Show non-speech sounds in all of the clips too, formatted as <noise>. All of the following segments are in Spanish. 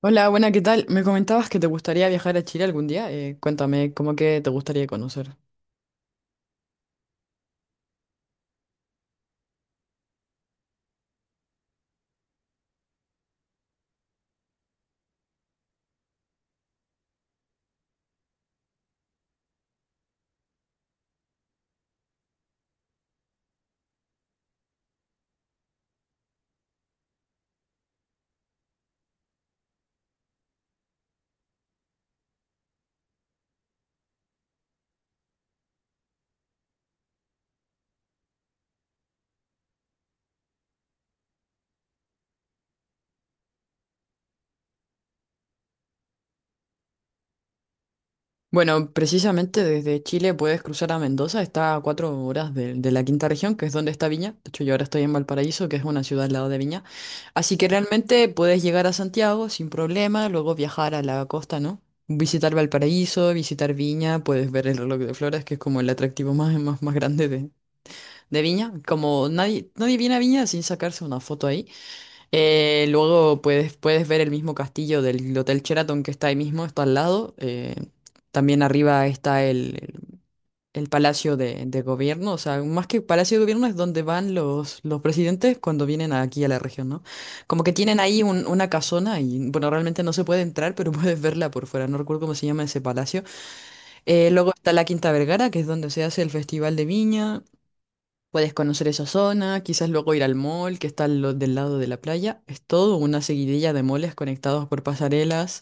Hola, buena, ¿qué tal? Me comentabas que te gustaría viajar a Chile algún día. Cuéntame, ¿cómo que te gustaría conocer? Bueno, precisamente desde Chile puedes cruzar a Mendoza, está a 4 horas de la quinta región, que es donde está Viña. De hecho, yo ahora estoy en Valparaíso, que es una ciudad al lado de Viña. Así que realmente puedes llegar a Santiago sin problema, luego viajar a la costa, ¿no? Visitar Valparaíso, visitar Viña, puedes ver el reloj de flores, que es como el atractivo más grande de Viña. Como nadie, nadie viene a Viña sin sacarse una foto ahí. Luego puedes ver el mismo castillo del Hotel Sheraton que está ahí mismo, está al lado. También arriba está el Palacio de Gobierno, o sea, más que Palacio de Gobierno es donde van los presidentes cuando vienen aquí a la región, ¿no? Como que tienen ahí una casona y, bueno, realmente no se puede entrar, pero <laughs> puedes verla por fuera, no recuerdo cómo se llama ese palacio. Luego está la Quinta Vergara, que es donde se hace el Festival de Viña. Puedes conocer esa zona, quizás luego ir al mall que está del lado de la playa. Es todo una seguidilla de moles conectados por pasarelas.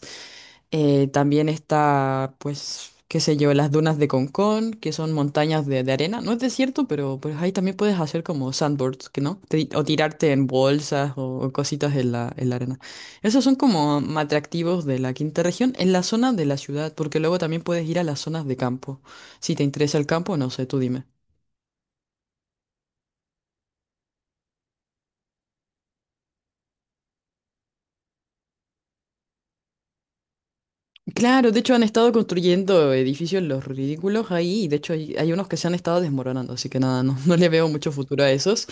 También está, pues, qué sé yo, las dunas de Concón, que son montañas de arena. No es desierto, pero pues ahí también puedes hacer como sandboards, que no? O tirarte en bolsas o cositas en la arena. Esos son como atractivos de la quinta región en la zona de la ciudad, porque luego también puedes ir a las zonas de campo. Si te interesa el campo, no sé, tú dime. Claro, de hecho han estado construyendo edificios los ridículos ahí, y de hecho hay unos que se han estado desmoronando, así que nada, no, <laughs> no le veo mucho futuro a esos.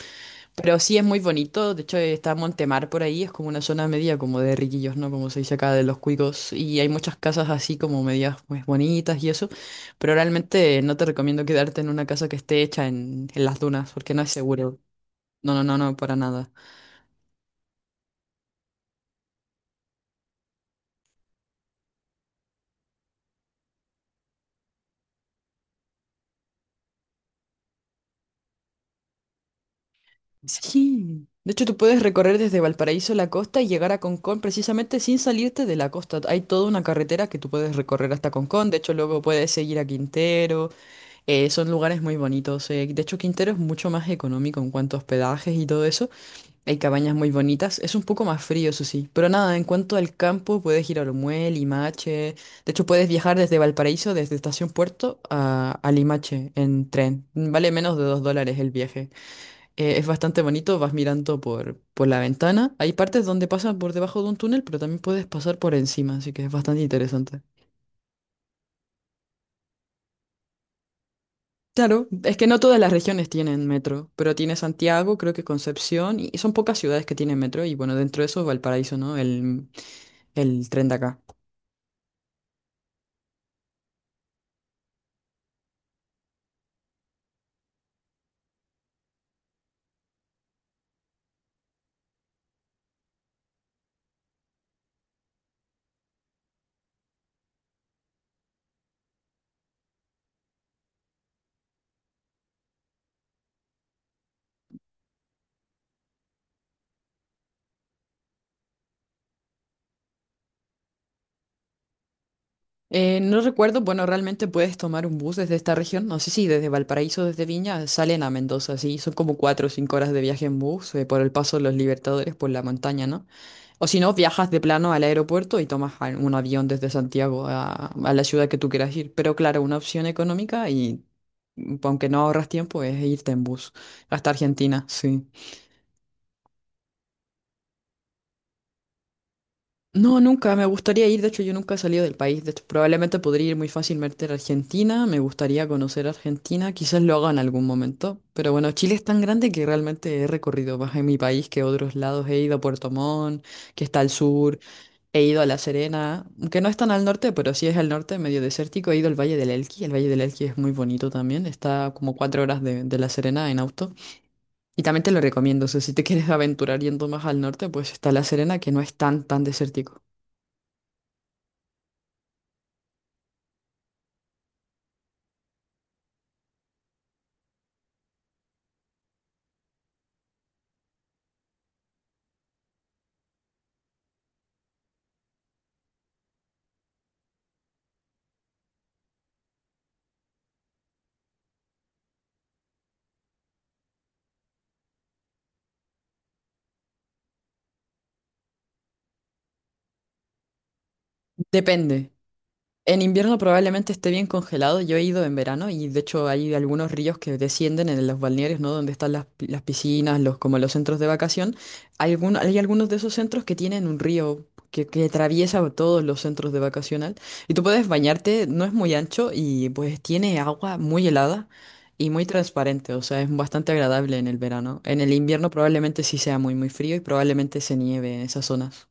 Pero sí es muy bonito, de hecho está Montemar por ahí, es como una zona media como de riquillos, ¿no? Como se dice acá de los cuicos, y hay muchas casas así como medias pues bonitas y eso, pero realmente no te recomiendo quedarte en una casa que esté hecha en las dunas, porque no es seguro. No, no, no, no, para nada. Sí. De hecho, tú puedes recorrer desde Valparaíso a la costa y llegar a Concón precisamente sin salirte de la costa. Hay toda una carretera que tú puedes recorrer hasta Concón. De hecho, luego puedes seguir a Quintero. Son lugares muy bonitos. Eh. De hecho, Quintero es mucho más económico en cuanto a hospedajes y todo eso. Hay cabañas muy bonitas. Es un poco más frío, eso sí. Pero nada, en cuanto al campo, puedes ir a Olmué, Limache. De hecho, puedes viajar desde Valparaíso, desde Estación Puerto a Limache en tren. Vale menos de $2 el viaje. Es bastante bonito, vas mirando por la ventana. Hay partes donde pasas por debajo de un túnel, pero también puedes pasar por encima, así que es bastante interesante. Claro, es que no todas las regiones tienen metro, pero tiene Santiago, creo que Concepción, y son pocas ciudades que tienen metro, y bueno, dentro de eso Valparaíso, ¿no? El tren de acá. No recuerdo, bueno, realmente puedes tomar un bus desde esta región, no sé si desde Valparaíso, desde Viña, salen a Mendoza, sí, son como 4 o 5 horas de viaje en bus, por el paso de los Libertadores, por la montaña, ¿no? O si no, viajas de plano al aeropuerto y tomas un avión desde Santiago a la ciudad que tú quieras ir. Pero claro, una opción económica y aunque no ahorras tiempo es irte en bus hasta Argentina, sí. No, nunca, me gustaría ir, de hecho yo nunca he salido del país, de hecho probablemente podría ir muy fácilmente a Argentina, me gustaría conocer Argentina, quizás lo haga en algún momento, pero bueno, Chile es tan grande que realmente he recorrido más en mi país que otros lados, he ido a Puerto Montt, que está al sur. He ido a La Serena, que no es tan al norte, pero sí es al norte, medio desértico. He ido al Valle del Elqui. El Valle del Elqui es muy bonito también. Está como 4 horas de La Serena en auto. Y también te lo recomiendo. O sea, si te quieres aventurar yendo más al norte, pues está La Serena, que no es tan, tan desértico. Depende. En invierno probablemente esté bien congelado. Yo he ido en verano y de hecho hay algunos ríos que descienden en los balnearios, ¿no? Donde están las piscinas, como los centros de vacación. Hay algunos de esos centros que tienen un río que atraviesa todos los centros de vacacional. Y tú puedes bañarte, no es muy ancho y pues tiene agua muy helada y muy transparente. O sea, es bastante agradable en el verano. En el invierno probablemente sí sea muy, muy frío y probablemente se nieve en esas zonas.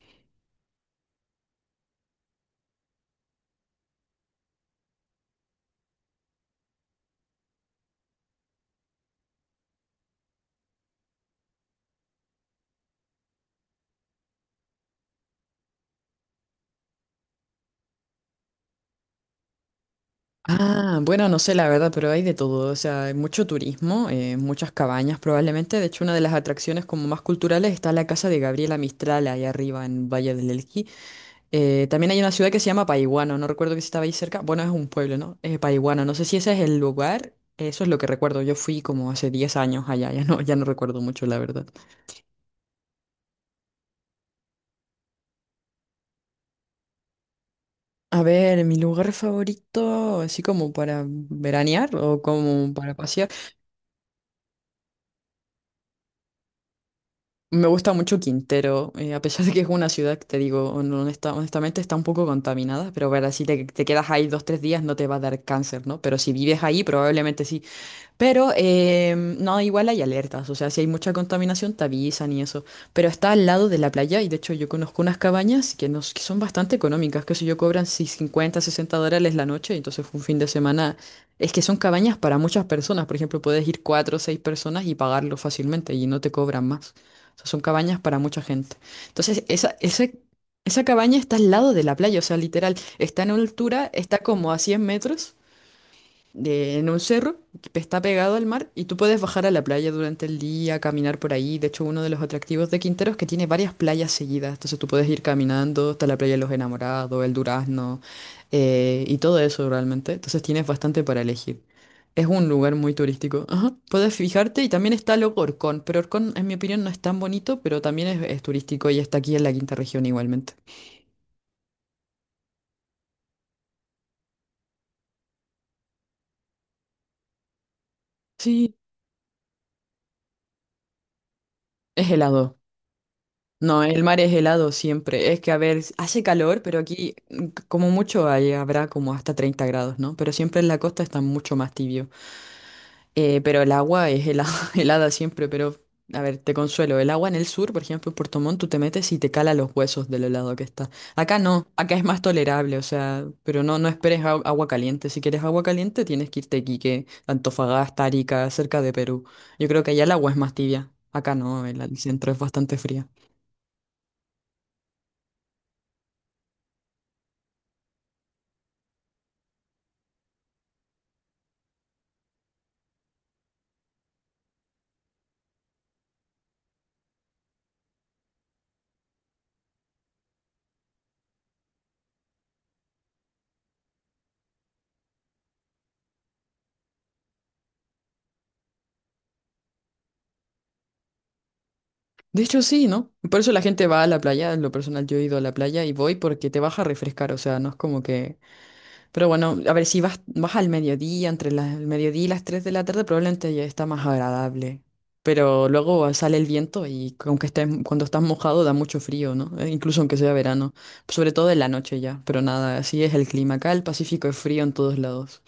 Ah, bueno, no sé la verdad, pero hay de todo. O sea, hay mucho turismo, muchas cabañas probablemente. De hecho, una de las atracciones como más culturales está la casa de Gabriela Mistral ahí arriba en Valle del Elqui. También hay una ciudad que se llama Paihuano, no recuerdo que si estaba ahí cerca. Bueno, es un pueblo, ¿no? Paihuano, no sé si ese es el lugar. Eso es lo que recuerdo. Yo fui como hace 10 años allá, ya no recuerdo mucho, la verdad. A ver, mi lugar favorito, así como para veranear o como para pasear. Me gusta mucho Quintero, a pesar de que es una ciudad que te digo, honestamente está un poco contaminada, pero ver si te quedas ahí 2, 3 días no te va a dar cáncer, ¿no? Pero si vives ahí, probablemente sí. Pero no, igual hay alertas, o sea, si hay mucha contaminación te avisan y eso. Pero está al lado de la playa y de hecho yo conozco unas cabañas que son bastante económicas, que si yo cobran si $50, $60 la noche, entonces un fin de semana. Es que son cabañas para muchas personas, por ejemplo, puedes ir 4 o 6 personas y pagarlo fácilmente y no te cobran más. O sea, son cabañas para mucha gente. Entonces, esa cabaña está al lado de la playa, o sea, literal, está en altura, está como a 100 metros en un cerro que está pegado al mar y tú puedes bajar a la playa durante el día, caminar por ahí. De hecho, uno de los atractivos de Quintero es que tiene varias playas seguidas. Entonces tú puedes ir caminando hasta la playa de los Enamorados, el Durazno y todo eso realmente. Entonces tienes bastante para elegir. Es un lugar muy turístico. Ajá. Puedes fijarte y también está luego Orcón, pero Orcón en mi opinión no es tan bonito, pero también es turístico y está aquí en la quinta región igualmente. Sí, es helado. No, el mar es helado siempre. Es que, a ver, hace calor, pero aquí como mucho ahí habrá como hasta 30 grados, ¿no? Pero siempre en la costa está mucho más tibio. Pero el agua es helada, <laughs> helada siempre, pero, a ver, te consuelo. El agua en el sur, por ejemplo, en Puerto Montt, tú te metes y te cala los huesos del helado que está. Acá no, acá es más tolerable, o sea, pero no, no esperes agua caliente. Si quieres agua caliente, tienes que irte a Iquique, Antofagasta, Arica, cerca de Perú. Yo creo que allá el agua es más tibia. Acá no, el centro es bastante fría. De hecho, sí, ¿no? Por eso la gente va a la playa. En lo personal, yo he ido a la playa y voy porque te vas a refrescar. O sea, no es como que. Pero bueno, a ver, si vas, vas al mediodía, entre el mediodía y las 3 de la tarde, probablemente ya está más agradable. Pero luego sale el viento y aunque estés, cuando estás mojado da mucho frío, ¿no? Incluso aunque sea verano. Sobre todo en la noche ya. Pero nada, así es el clima. Acá el Pacífico es frío en todos lados.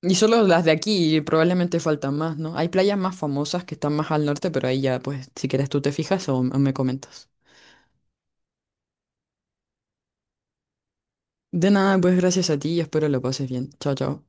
Y solo las de aquí, y probablemente faltan más, ¿no? Hay playas más famosas que están más al norte, pero ahí ya, pues, si quieres tú te fijas o me comentas. De nada, pues gracias a ti y espero lo pases bien. Chao, chao.